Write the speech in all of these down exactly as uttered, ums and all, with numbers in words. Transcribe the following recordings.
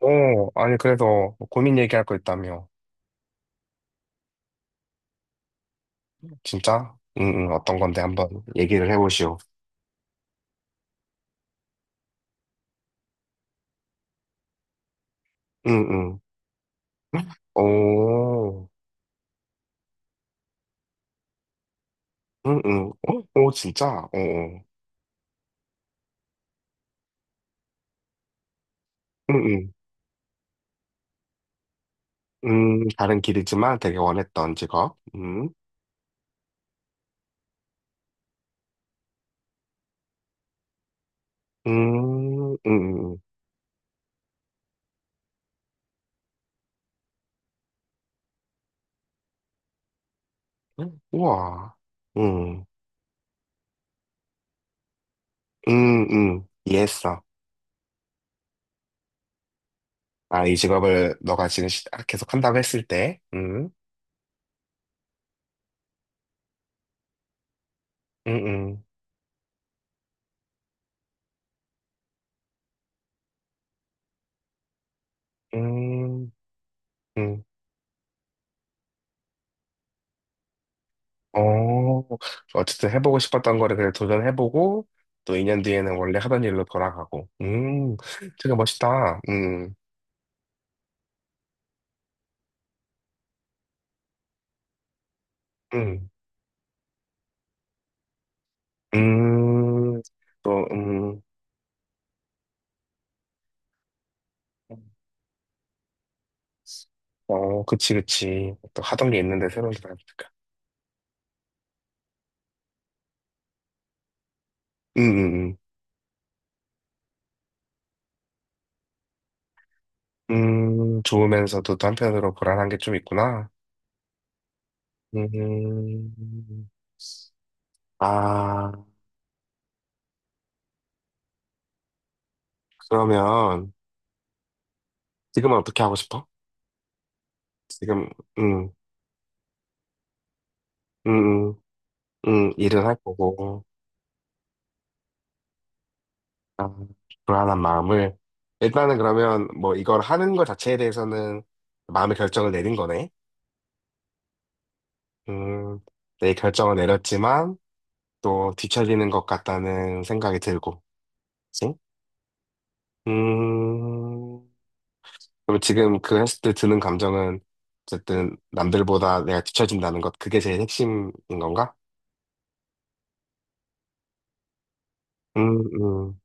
어, 아니, 그래서 뭐 고민 얘기할 거 있다며. 진짜? 응, 응, 어떤 건데 한번 얘기를 해보시오. 응, 응. 오, 응, 응. 어? 오, 진짜? 어, 어. 응, 응. 음, 다른 길이지만 되게 원했던 직업. 음, 음, 음, 음. 음. 우와. 음, 음, 음. 이해했어. 아, 이 직업을 너가 지금 시- 계속 한다고 했을 때. 음, 음, 음, 음, 음. 어, 어쨌든 해보고 싶었던 거를 그냥 도전해보고, 또 이 년 뒤에는 원래 하던 일로 돌아가고. 음, 되게 멋있다. 음, 음, 음, 또, 음, 어, 그치, 그치. 또 하던 게 있는데 새로운 게 나니까. 음, 음, 음, 음, 좋으면서도 또 한편으로 불안한 게 좀 있구나. 음, 아, 그러면 지금은 어떻게 하고 싶어? 지금, 음, 음, 음, 음, 일을 할 거고. 아, 불안한 마음을. 일단은 그러면 뭐 이걸 하는 것 자체에 대해서는 마음의 결정을 내린 거네. 음, 내 결정을 내렸지만 또 뒤처지는 것 같다는 생각이 들고. 그치? 음, 그럼 지금 그 했을 때 드는 감정은 어쨌든 남들보다 내가 뒤처진다는 것, 그게 제일 핵심인 건가? 음, 음.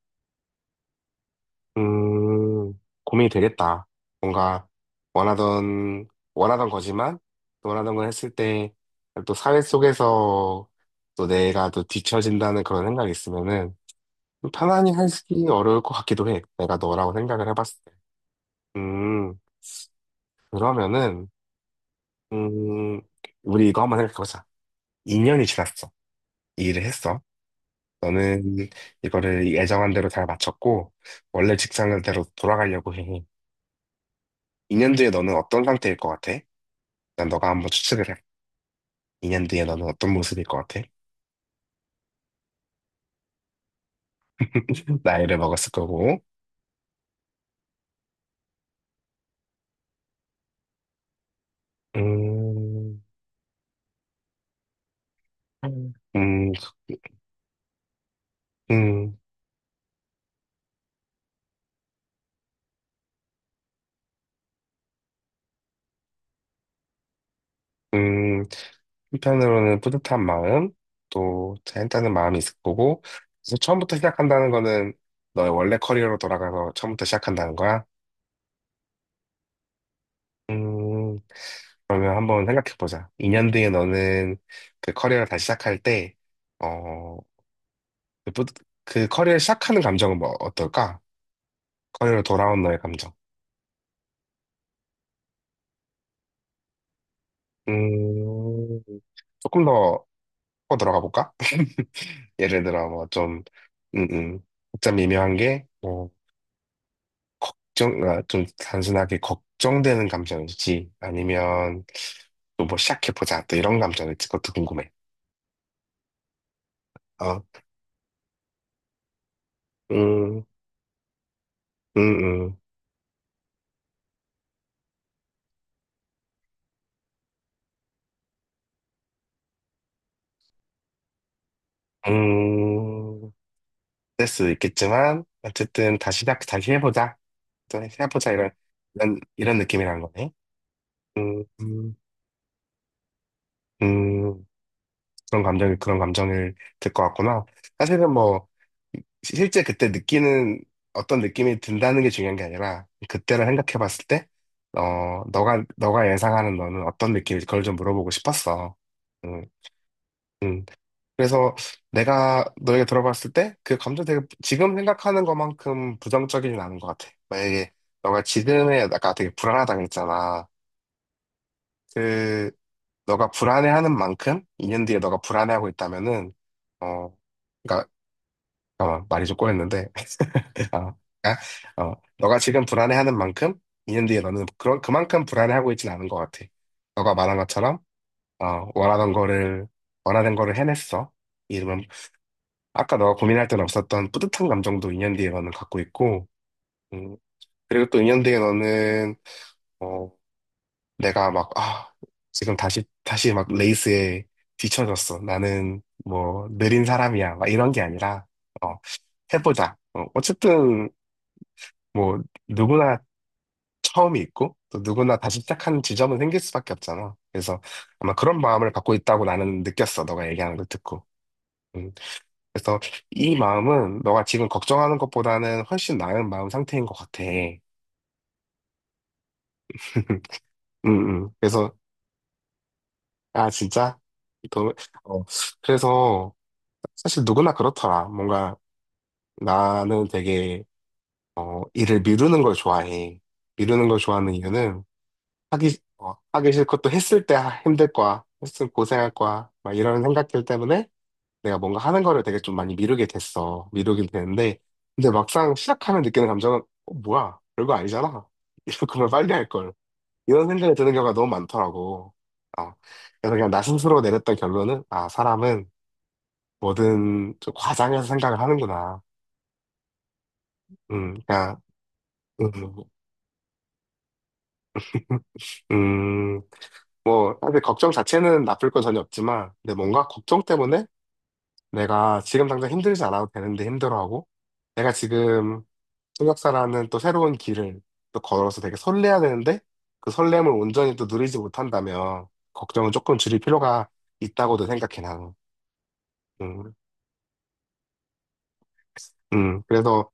음, 고민이 되겠다. 뭔가 원하던, 원하던 거지만, 또 원하던 걸 했을 때, 또 사회 속에서 또 내가 또 뒤처진다는 그런 생각이 있으면은, 좀 편안히 하기 어려울 것 같기도 해. 내가 너라고 생각을 해봤을 때. 음, 그러면은, 음, 우리 이거 한번 생각해보자. 이 년이 지났어. 이 일을 했어. 너는 이거를 예정한 대로 잘 마쳤고, 원래 직장대로 돌아가려고 해. 이 년 뒤에 너는 어떤 상태일 것 같아? 일단 너가 한번 추측을 해. 이 년 뒤에 너는 어떤 모습일 것 같아? 나이를 먹었을 거고. 음, 음, 음, 음, 음. 한편으로는 뿌듯한 마음, 또 자연다는 마음이 있을 거고. 그래서 처음부터 시작한다는 거는 너의 원래 커리어로 돌아가서 처음부터 시작한다는 거야. 음, 그러면 한번 생각해 보자. 이 년 뒤에 너는 그 커리어를 다시 시작할 때, 어, 그 뿌듯- 그 커리어를 시작하는 감정은 뭐 어떨까? 커리어로 돌아온 너의 감정. 음, 조금 더 파고 들어가 볼까? 예를 들어, 뭐, 좀, 음, 음, 좀 미묘한 게, 뭐, 걱정, 아, 좀 단순하게 걱정되는 감정이지. 아니면, 또 뭐, 시작해보자. 또 이런 감정일지. 그것도 궁금해. 어, 음, 음, 음, 음, 될 수도 있겠지만, 어쨌든, 다시, 시작- 다시 해보자. 또 해보자. 이런, 이런, 이런 느낌이라는 거네. 음, 음, 음. 그런 감정이 그런 감정일 들것 같구나. 사실은 뭐 시- 실제 그때 느끼는 어떤 느낌이 든다는 게 중요한 게 아니라 그때를 생각해 봤을 때 어, 너가 너가 예상하는 너는 어떤 느낌인지 그걸 좀 물어보고 싶었어. 음, 음. 그래서 내가 너에게 들어봤을 때 그 감정 되게 지금 생각하는 것만큼 부정적이진 않은 것 같아. 만약에 너가 지금에 아까 되게 불안하다고 했잖아. 그 너가 불안해하는 만큼 이 년 뒤에 너가 불안해하고 있다면은 어, 그러니까 어, 말이 좀 꼬였는데, 어, 아, 어, 너가 지금 불안해하는 만큼 이 년 뒤에 너는 그런, 그만큼 불안해하고 있진 않은 것 같아. 너가 말한 것처럼, 어, 원하던 거를, 원하는 거를 해냈어. 이러면, 아까 너가 고민할 때는 없었던 뿌듯한 감정도 이 년 뒤에 너는 갖고 있고, 음, 그리고 또 이 년 뒤에 너는, 어, 내가 막, 아, 지금 다시, 다시 막 레이스에 뒤처졌어. 나는 뭐, 느린 사람이야. 막 이런 게 아니라, 어, 해보자. 어, 어쨌든 뭐 누구나 처음이 있고 또 누구나 다시 시작하는 지점은 생길 수밖에 없잖아. 그래서 아마 그런 마음을 갖고 있다고 나는 느꼈어. 너가 얘기하는 걸 듣고. 음, 그래서 이 마음은 너가 지금 걱정하는 것보다는 훨씬 나은 마음 상태인 것 같아. 음, 음. 그래서 아 진짜 너, 어, 그래서 사실 누구나 그렇더라. 뭔가 나는 되게 어, 일을 미루는 걸 좋아해. 미루는 걸 좋아하는 이유는 하기, 어, 하기 싫고 또 했을 때 하- 힘들 거야. 했으면 고생할 거야. 막 이런 생각들 때문에 내가 뭔가 하는 거를 되게 좀 많이 미루게 됐어. 미루긴 되는데. 근데 막상 시작하면 느끼는 감정은, 어, 뭐야. 별거 아니잖아. 이럴 거면 빨리 할 걸. 이런 생각이 드는 경우가 너무 많더라고. 어. 그래서 그냥 나 스스로 내렸던 결론은, 아, 사람은 뭐든 좀 과장해서 생각을 하는구나. 음, 그냥, 음, 음, 뭐, 사실 걱정 자체는 나쁠 건 전혀 없지만, 근데 뭔가 걱정 때문에 내가 지금 당장 힘들지 않아도 되는데 힘들어하고, 내가 지금 통역사라는 또 새로운 길을 또 걸어서 되게 설레야 되는데, 그 설렘을 온전히 또 누리지 못한다면, 걱정은 조금 줄일 필요가 있다고도 생각해, 나는. 음, 음, 그래서,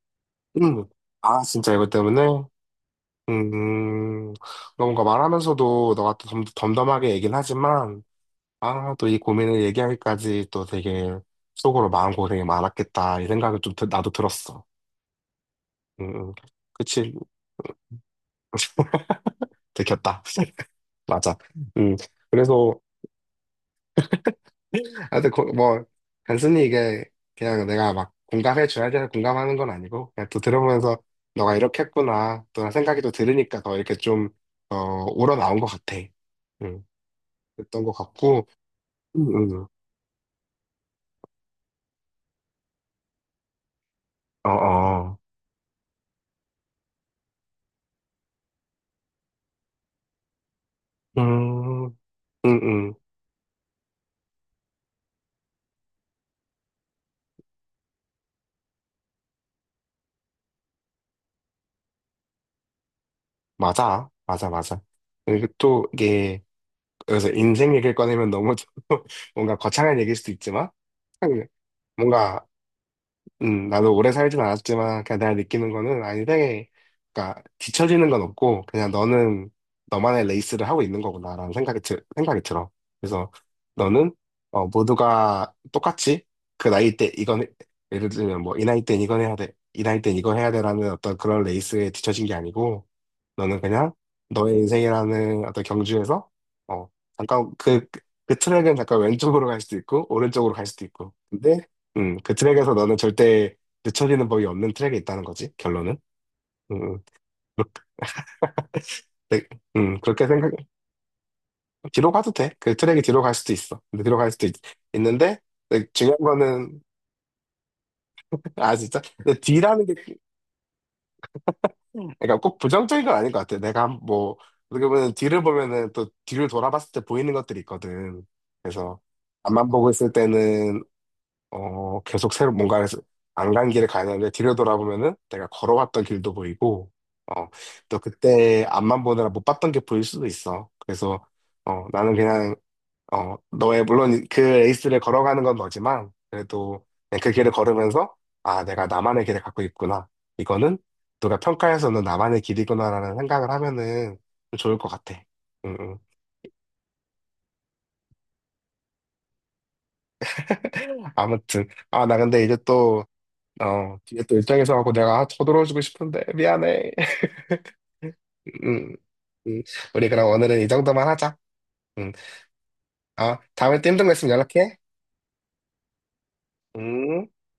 음, 아, 진짜 이것 때문에, 음, 뭔가 말하면서도 너가 또 덤, 덤덤하게 얘긴 하지만, 아, 또 이 고민을 얘기하기까지 또 되게 속으로 마음고생이 많았겠다, 이 생각이 좀 드- 나도 들었어. 음, 음. 그치. 들켰다. 맞아. 음, 그래서, 하여튼, 거- 뭐, 단순히 이게 그냥 내가 막 공감해줘야 돼서 공감하는 건 아니고, 그냥 또 들어보면서 너가 이렇게 했구나. 또 생각이 또 들으니까 더 이렇게 좀, 어, 우러나온 것 같아. 음, 그랬던 것 같고, 음, 음. 어, 어. 음, 음, 음. 맞아. 맞아, 맞아. 그리고 또 이게, 그래서 인생 얘기를 꺼내면 너무 좀 뭔가 거창한 얘기일 수도 있지만, 음, 뭔가 음, 나도 오래 살진 않았지만, 그냥 내가 느끼는 거는, 아, 인생에, 그러니까, 뒤처지는 건 없고, 그냥 너는 너만의 레이스를 하고 있는 거구나라는 생각이, 들, 생각이 들어. 그래서 너는, 어, 모두가 똑같이, 그 나이 때 이건, 예를 들면 뭐, 이 나이 땐 이건 해야 돼, 이 나이 땐 이거 해야 돼라는 어떤 그런 레이스에 뒤처진 게 아니고, 너는 그냥 너의 인생이라는 어떤 경주에서 어 잠깐 그, 그 트랙은 잠깐 왼쪽으로 갈 수도 있고 오른쪽으로 갈 수도 있고 근데 음, 그 트랙에서 너는 절대 늦춰지는 법이 없는 트랙에 있다는 거지 결론은. 음, 음. 그렇게, 음, 그렇게 생각 뒤로 가도 돼 그 트랙이 뒤로 갈 수도 있어 근데 뒤로 갈 수도 있, 는데 중요한 거는 아 진짜 근데 뒤라는 그러니까 꼭 부정적인 건 아닌 것 같아. 내가 뭐 어떻게 보면 뒤를 보면은 또 뒤를 돌아봤을 때 보이는 것들이 있거든. 그래서 앞만 보고 있을 때는 어 계속 새로 뭔가 안 간 길을 가야 되는데 뒤를 돌아보면은 내가 걸어왔던 길도 보이고 어 또 그때 앞만 보느라 못 봤던 게 보일 수도 있어. 그래서 어 나는 그냥 어, 너의, 물론 그 레이스를 걸어가는 건 너지만, 그래도 그냥 그 길을 걸으면서, 아, 내가 나만의 길을 갖고 있구나. 이거는 누가 평가해서는 나만의 길이구나라는 생각을 하면은 좀 좋을 것 같아. 음, 음. 아무튼. 아, 나 근데 이제 또, 어, 뒤에 또 일정이 있어갖고 내가 쳐돌어주고 싶은데, 미안해. 음, 음. 우리 그럼 오늘은 이 정도만 하자. 음. 아, 다음에 또 힘든 거 있으면 연락해. 음.